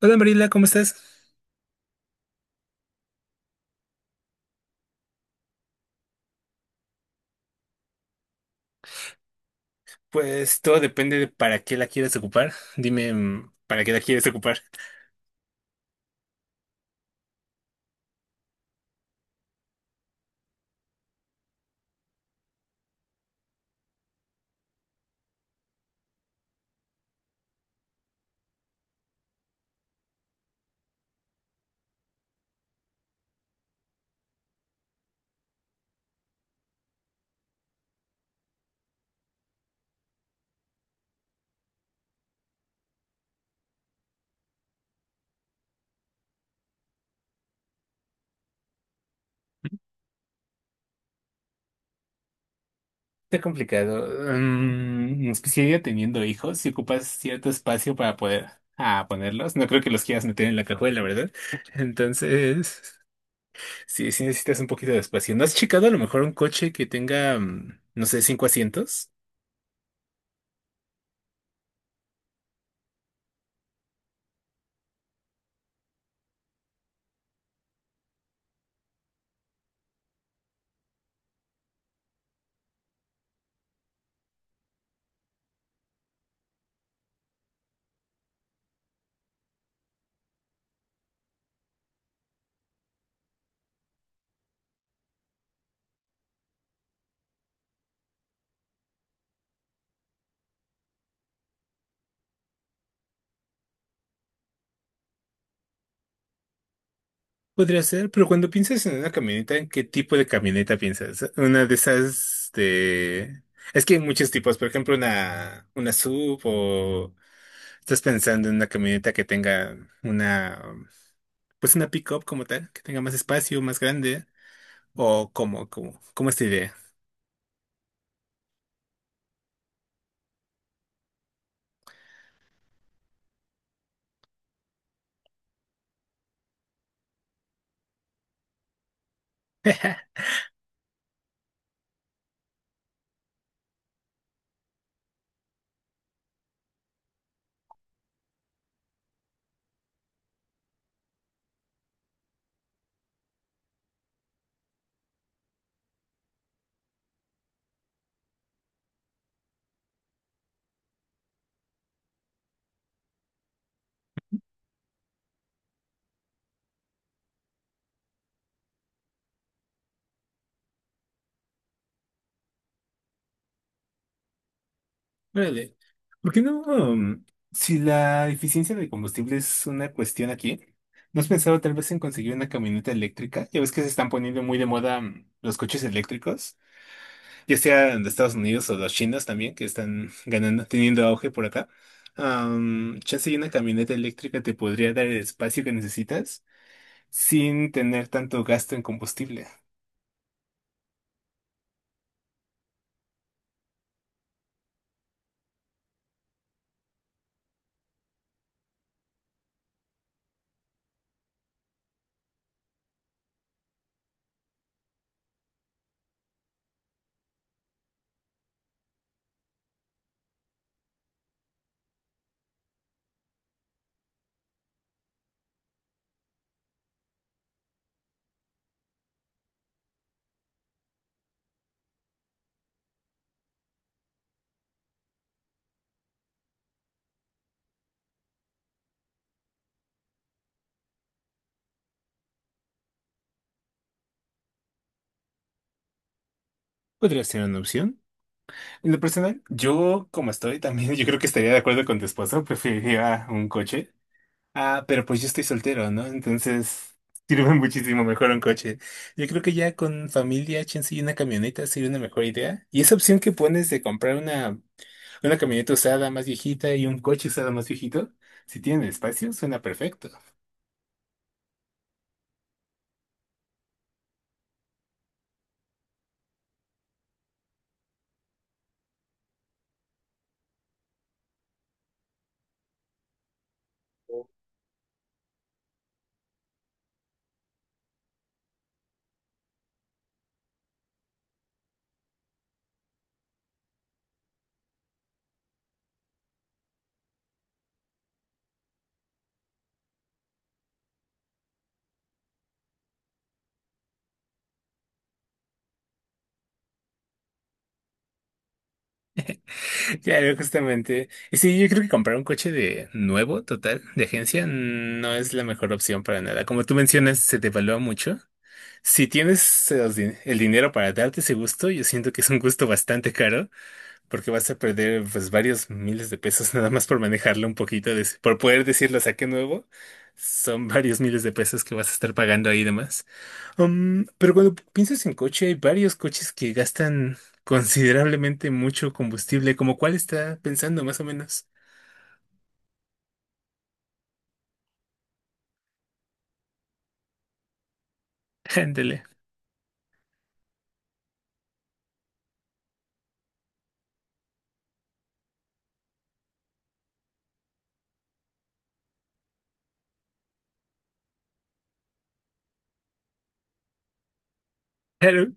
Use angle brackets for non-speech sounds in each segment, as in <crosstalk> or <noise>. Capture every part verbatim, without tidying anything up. Hola Marila, ¿cómo estás? Pues todo depende de para qué la quieres ocupar. Dime, mm, ¿para qué la quieres ocupar? Está complicado. Mm, especialmente teniendo hijos, si ocupas cierto espacio para poder ah, ponerlos, no creo que los quieras meter en la cajuela, ¿verdad? Entonces, sí, sí necesitas un poquito de espacio. ¿No has checado a lo mejor un coche que tenga, mm, no sé, cinco asientos? Podría ser, pero cuando piensas en una camioneta, ¿en qué tipo de camioneta piensas? Una de esas de… Es que hay muchos tipos, por ejemplo, una, una S U V o estás pensando en una camioneta que tenga una, pues una pick-up como tal, que tenga más espacio, más grande, o como, como, como esta idea. Órale. ¿Por qué no? Um, si la eficiencia de combustible es una cuestión aquí, ¿no has pensado tal vez en conseguir una camioneta eléctrica? Ya ves que se están poniendo muy de moda mm, los coches eléctricos. Ya sea de Estados Unidos o los chinos también, que están ganando, teniendo auge por acá. Am, chance y una camioneta eléctrica te podría dar el espacio que necesitas sin tener tanto gasto en combustible. Podría ser una opción. En lo personal, yo como estoy también, <laughs> yo creo que estaría de acuerdo con tu esposo, preferiría un coche. Ah, pero pues yo estoy soltero, ¿no? Entonces sirve <laughs> muchísimo mejor un coche. Yo creo que ya con familia, chance y una camioneta sería una mejor idea. Y esa opción que pones de comprar una, una camioneta usada más viejita y un coche usado más viejito, si tienen espacio, suena perfecto. <laughs> Claro, justamente. Y sí, yo creo que comprar un coche de nuevo, total, de agencia, no es la mejor opción para nada. Como tú mencionas, se devalúa mucho. Si tienes los din- el dinero para darte ese gusto, yo siento que es un gusto bastante caro. Porque vas a perder pues varios miles de pesos <laughs> nada más por manejarlo un poquito, de- por poder decirlo saque nuevo. Son <laughs> varios miles de pesos que vas a estar pagando ahí de más. Um, pero cuando piensas en coche, hay varios coches que gastan <laughs> considerablemente mucho combustible. ¿Como cuál está pensando más o menos? <laughs> Ándale. Claro.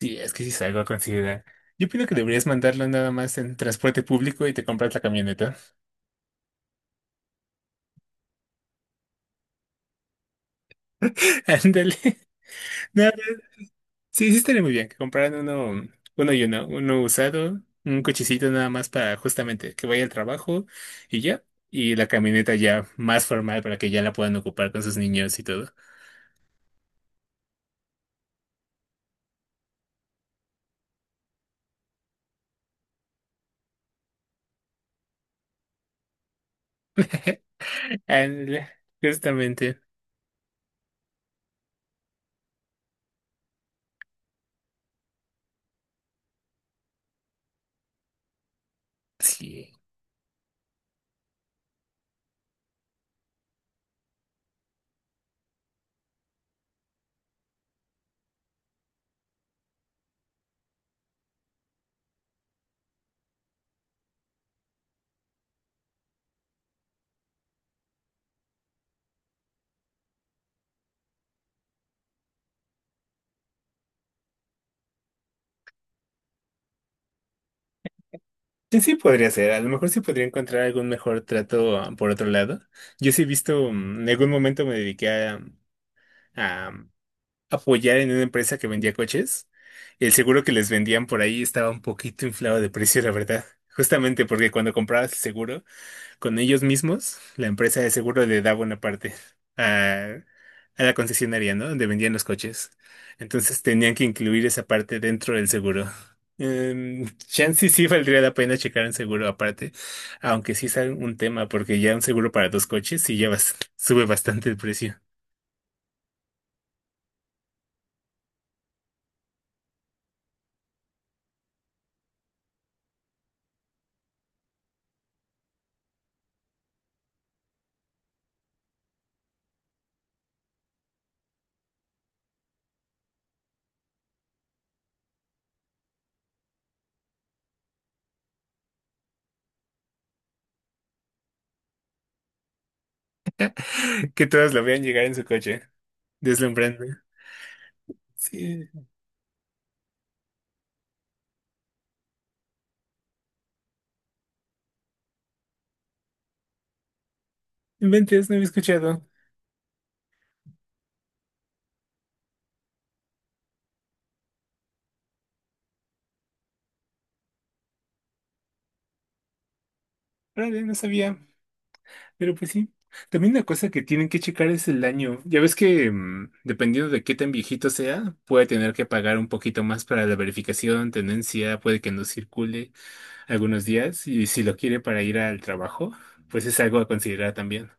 Sí, es que sí es algo a considerar. Yo opino que deberías mandarlo nada más en transporte público y te compras la camioneta. <laughs> Ándale. No, sí, sí estaría muy bien que compraran uno, uno y uno, uno usado, un cochecito nada más para justamente que vaya al trabajo y ya, y la camioneta ya más formal para que ya la puedan ocupar con sus niños y todo. <laughs> Ándale, justamente, sí. Sí, sí podría ser, a lo mejor sí podría encontrar algún mejor trato ah, por otro lado. Yo sí he visto, mm, en algún momento me dediqué a, apoyar en una empresa que vendía coches. El seguro que les vendían por ahí estaba un poquito inflado de precio, la verdad. Justamente porque cuando comprabas el seguro con ellos mismos, la empresa de seguro le daba una parte a, a la concesionaria, ¿no? Donde vendían los coches. Entonces tenían que incluir esa parte dentro del seguro. Em, chance y sí valdría la pena checar un seguro aparte, aunque sí es un tema, porque ya un seguro para dos coches sí ya bas- sube bastante el precio. <laughs> Que todos lo vean llegar en su coche. Deslumbrante. Sí inventes, no había escuchado. Vale, no sabía, pero pues sí. También una cosa que tienen que checar es el daño. Ya ves que, mm, dependiendo de qué tan viejito sea, puede tener que pagar un poquito más para la verificación, tenencia, puede que no circule algunos días. Y si lo quiere para ir al trabajo, pues es algo a considerar también.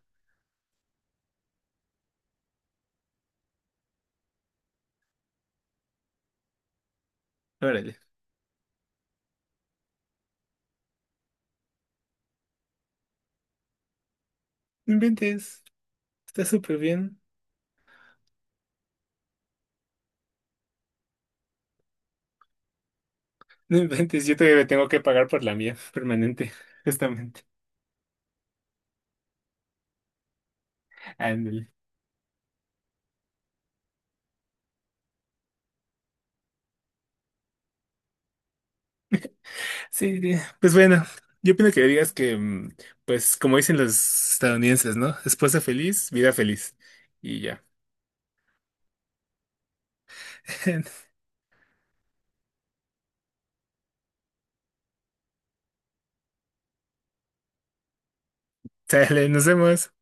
Órale. No inventes, está súper bien. No inventes, yo todavía tengo que pagar por la mía, permanente, <laughs> justamente. Ándale. Sí, sí. Pues bueno, yo opino que digas que, mm, pues como dicen los estadounidenses, ¿no? Esposa feliz, vida feliz. Y ya. <laughs> Sale, nos vemos.